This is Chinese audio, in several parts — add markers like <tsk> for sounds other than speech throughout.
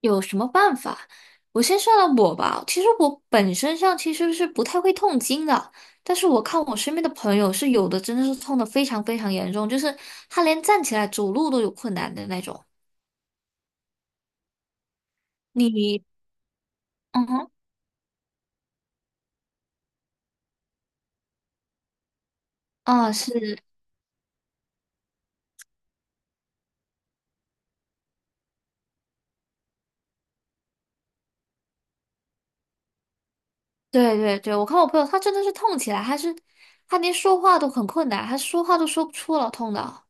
有什么办法？我先说了我吧，其实我本身上其实是不太会痛经的，但是我看我身边的朋友是有的真的是痛的非常非常严重，就是他连站起来走路都有困难的那种。你，嗯哼，啊，是，对对对，我看我朋友他真的是痛起来，他是他连说话都很困难，他说话都说不出了，痛的。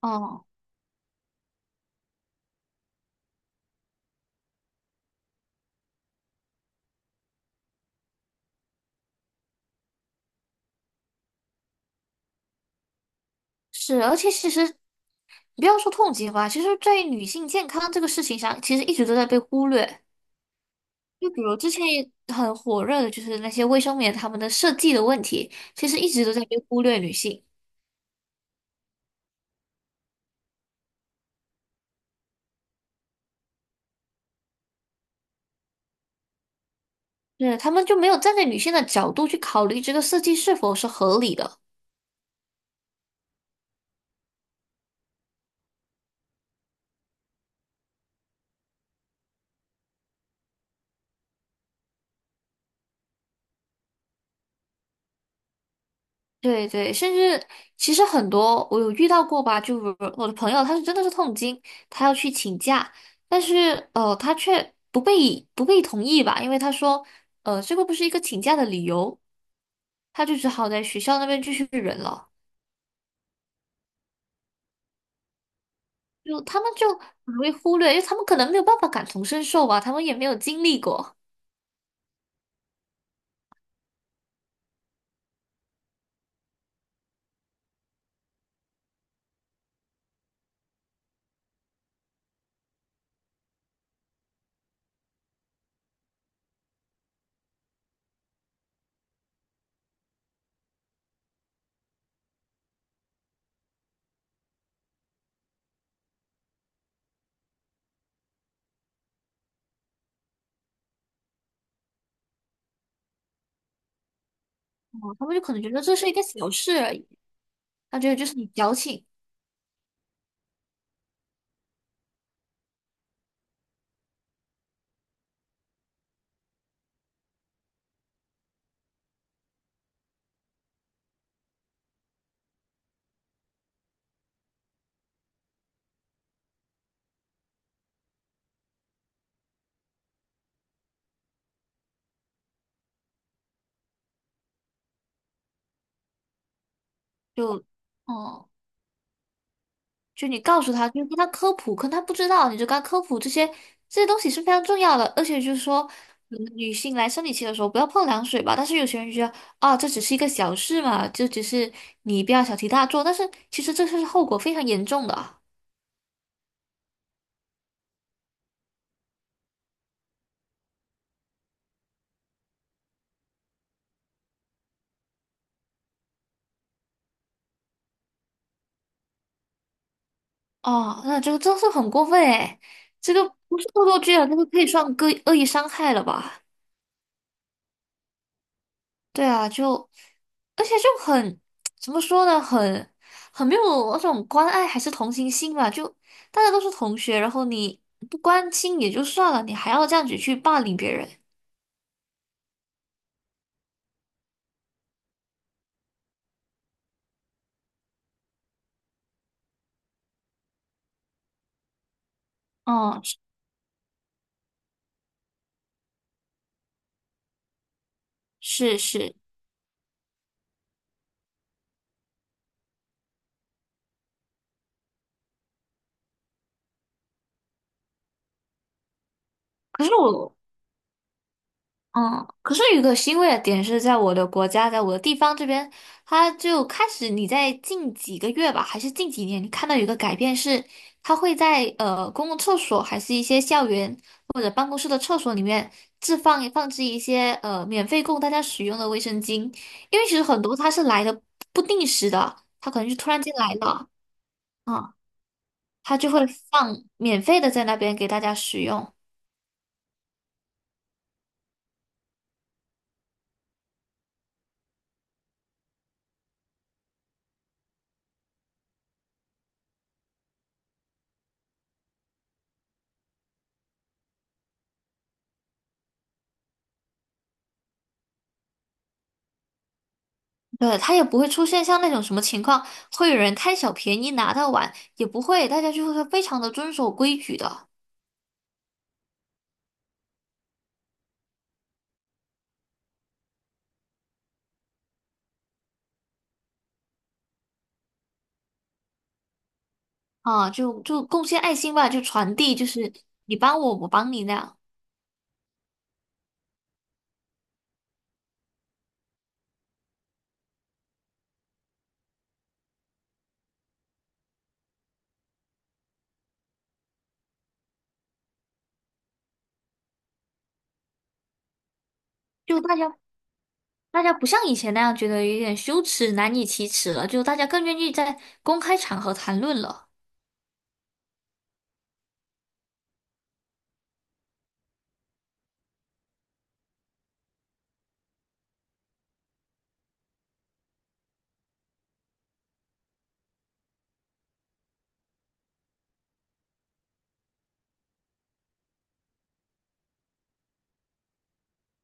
哦，是，而且其实你不要说痛经吧，其实在于女性健康这个事情上，其实一直都在被忽略。就比如之前也很火热的，就是那些卫生棉他们的设计的问题，其实一直都在被忽略女性，对，他们就没有站在女性的角度去考虑这个设计是否是合理的。对对，甚至其实很多我有遇到过吧，就比如我的朋友，他是真的是痛经，他要去请假，但是他却不被同意吧，因为他说这个不是一个请假的理由，他就只好在学校那边继续忍了。就他们就很容易忽略，因为他们可能没有办法感同身受吧，他们也没有经历过，哦，他们就可能觉得这是一个小事而已，他觉得就是你矫情，就，哦、就你告诉他，就跟他科普，可能他不知道，你就跟他科普这些这些东西是非常重要的，而且就是说，嗯女性来生理期的时候不要碰凉水吧，但是有些人觉得，啊，这只是一个小事嘛，就只是你不要小题大做，但是其实这是后果非常严重的。哦，那这个真是很过分哎！这个不是恶作剧啊，这个可以算恶意伤害了吧？对啊，就而且就很 <tsk> 怎么说呢，很很没有那种关爱还是同情心吧？就大家都是同学，然后你不关心也就算了，你还要这样子去霸凌别人，嗯，是是是，可是我。嗯，可是有个欣慰的点是在我的国家，在我的地方这边，它就开始你在近几个月吧，还是近几年，你看到有一个改变是，它会在公共厕所，还是一些校园或者办公室的厕所里面放置一些免费供大家使用的卫生巾，因为其实很多它是来的不定时的，它可能就突然间来了，啊、它就会放免费的在那边给大家使用。对，他也不会出现像那种什么情况，会有人贪小便宜拿到碗，也不会，大家就会非常的遵守规矩的啊，就就贡献爱心吧，就传递，就是你帮我，我帮你那样，就大家不像以前那样觉得有点羞耻、难以启齿了，就大家更愿意在公开场合谈论了。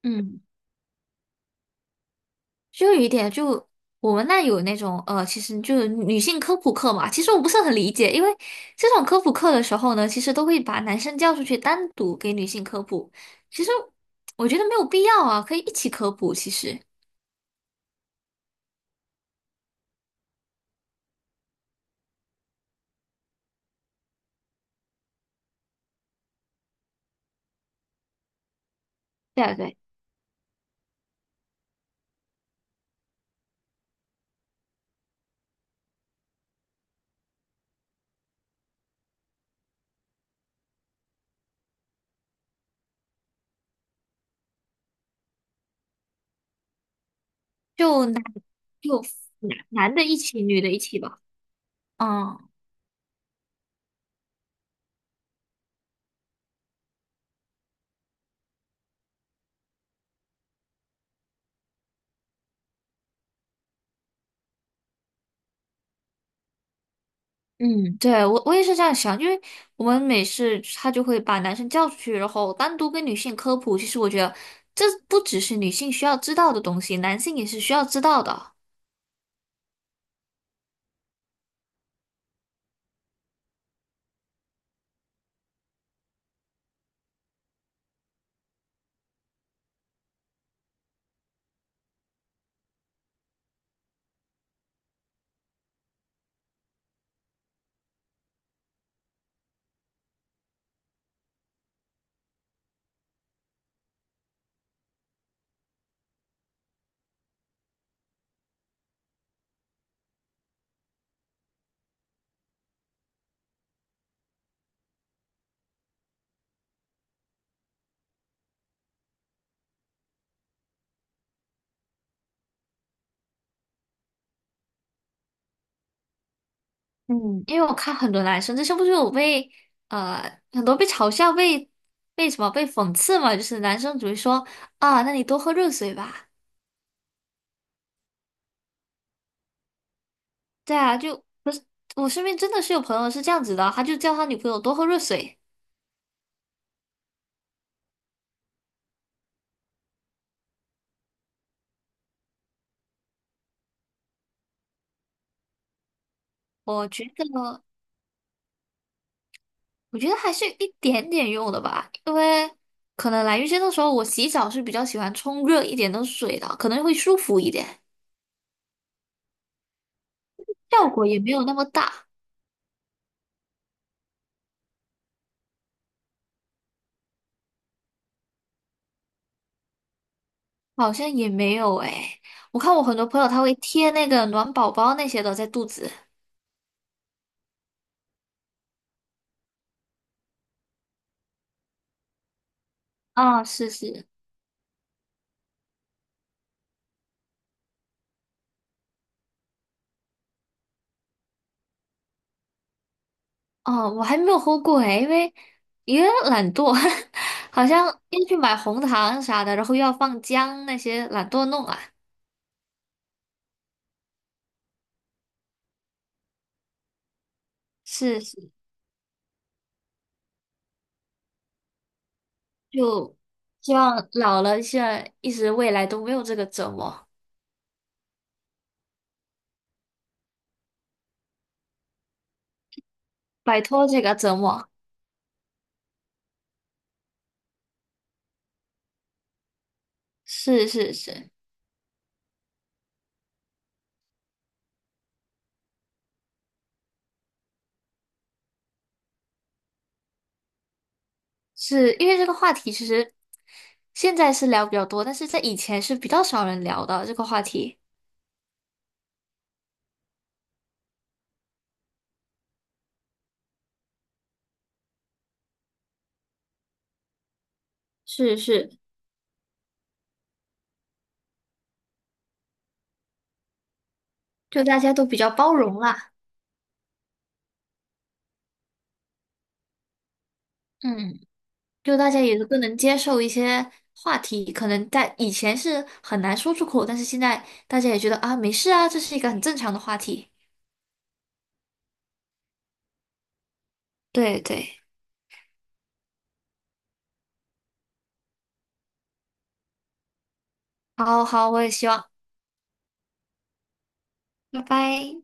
嗯。就有一点，就我们那有那种其实就是女性科普课嘛。其实我不是很理解，因为这种科普课的时候呢，其实都会把男生叫出去单独给女性科普。其实我觉得没有必要啊，可以一起科普。其实，对啊对，就男就男的一起，女的一起吧。嗯嗯，对，我我也是这样想，因为我们每次他就会把男生叫出去，然后单独跟女性科普。其实我觉得这不只是女性需要知道的东西，男性也是需要知道的。嗯，因为我看很多男生，这是不是有被很多被嘲笑、被被什么被讽刺嘛？就是男生只会说啊，那你多喝热水吧。对啊，就不是我身边真的是有朋友是这样子的，他就叫他女朋友多喝热水。我觉得，我觉得还是有一点点用的吧，因为可能来月经的时候，我洗澡是比较喜欢冲热一点的水的，可能会舒服一点，效果也没有那么大。好像也没有诶，我看我很多朋友他会贴那个暖宝宝那些的在肚子。啊，是是，哦，我还没有喝过诶，因为也懒惰，<laughs> 好像要去买红糖啥的，然后又要放姜那些，懒惰弄啊。是是，就希望老了现在一直未来都没有这个折磨，摆脱这个折磨。是是是，是因为这个话题其实现在是聊比较多，但是在以前是比较少人聊的这个话题。是是，就大家都比较包容啦，嗯，就大家也都更能接受一些话题，可能在以前是很难说出口，但是现在大家也觉得啊，没事啊，这是一个很正常的话题。对对，好好，我也希望，拜拜。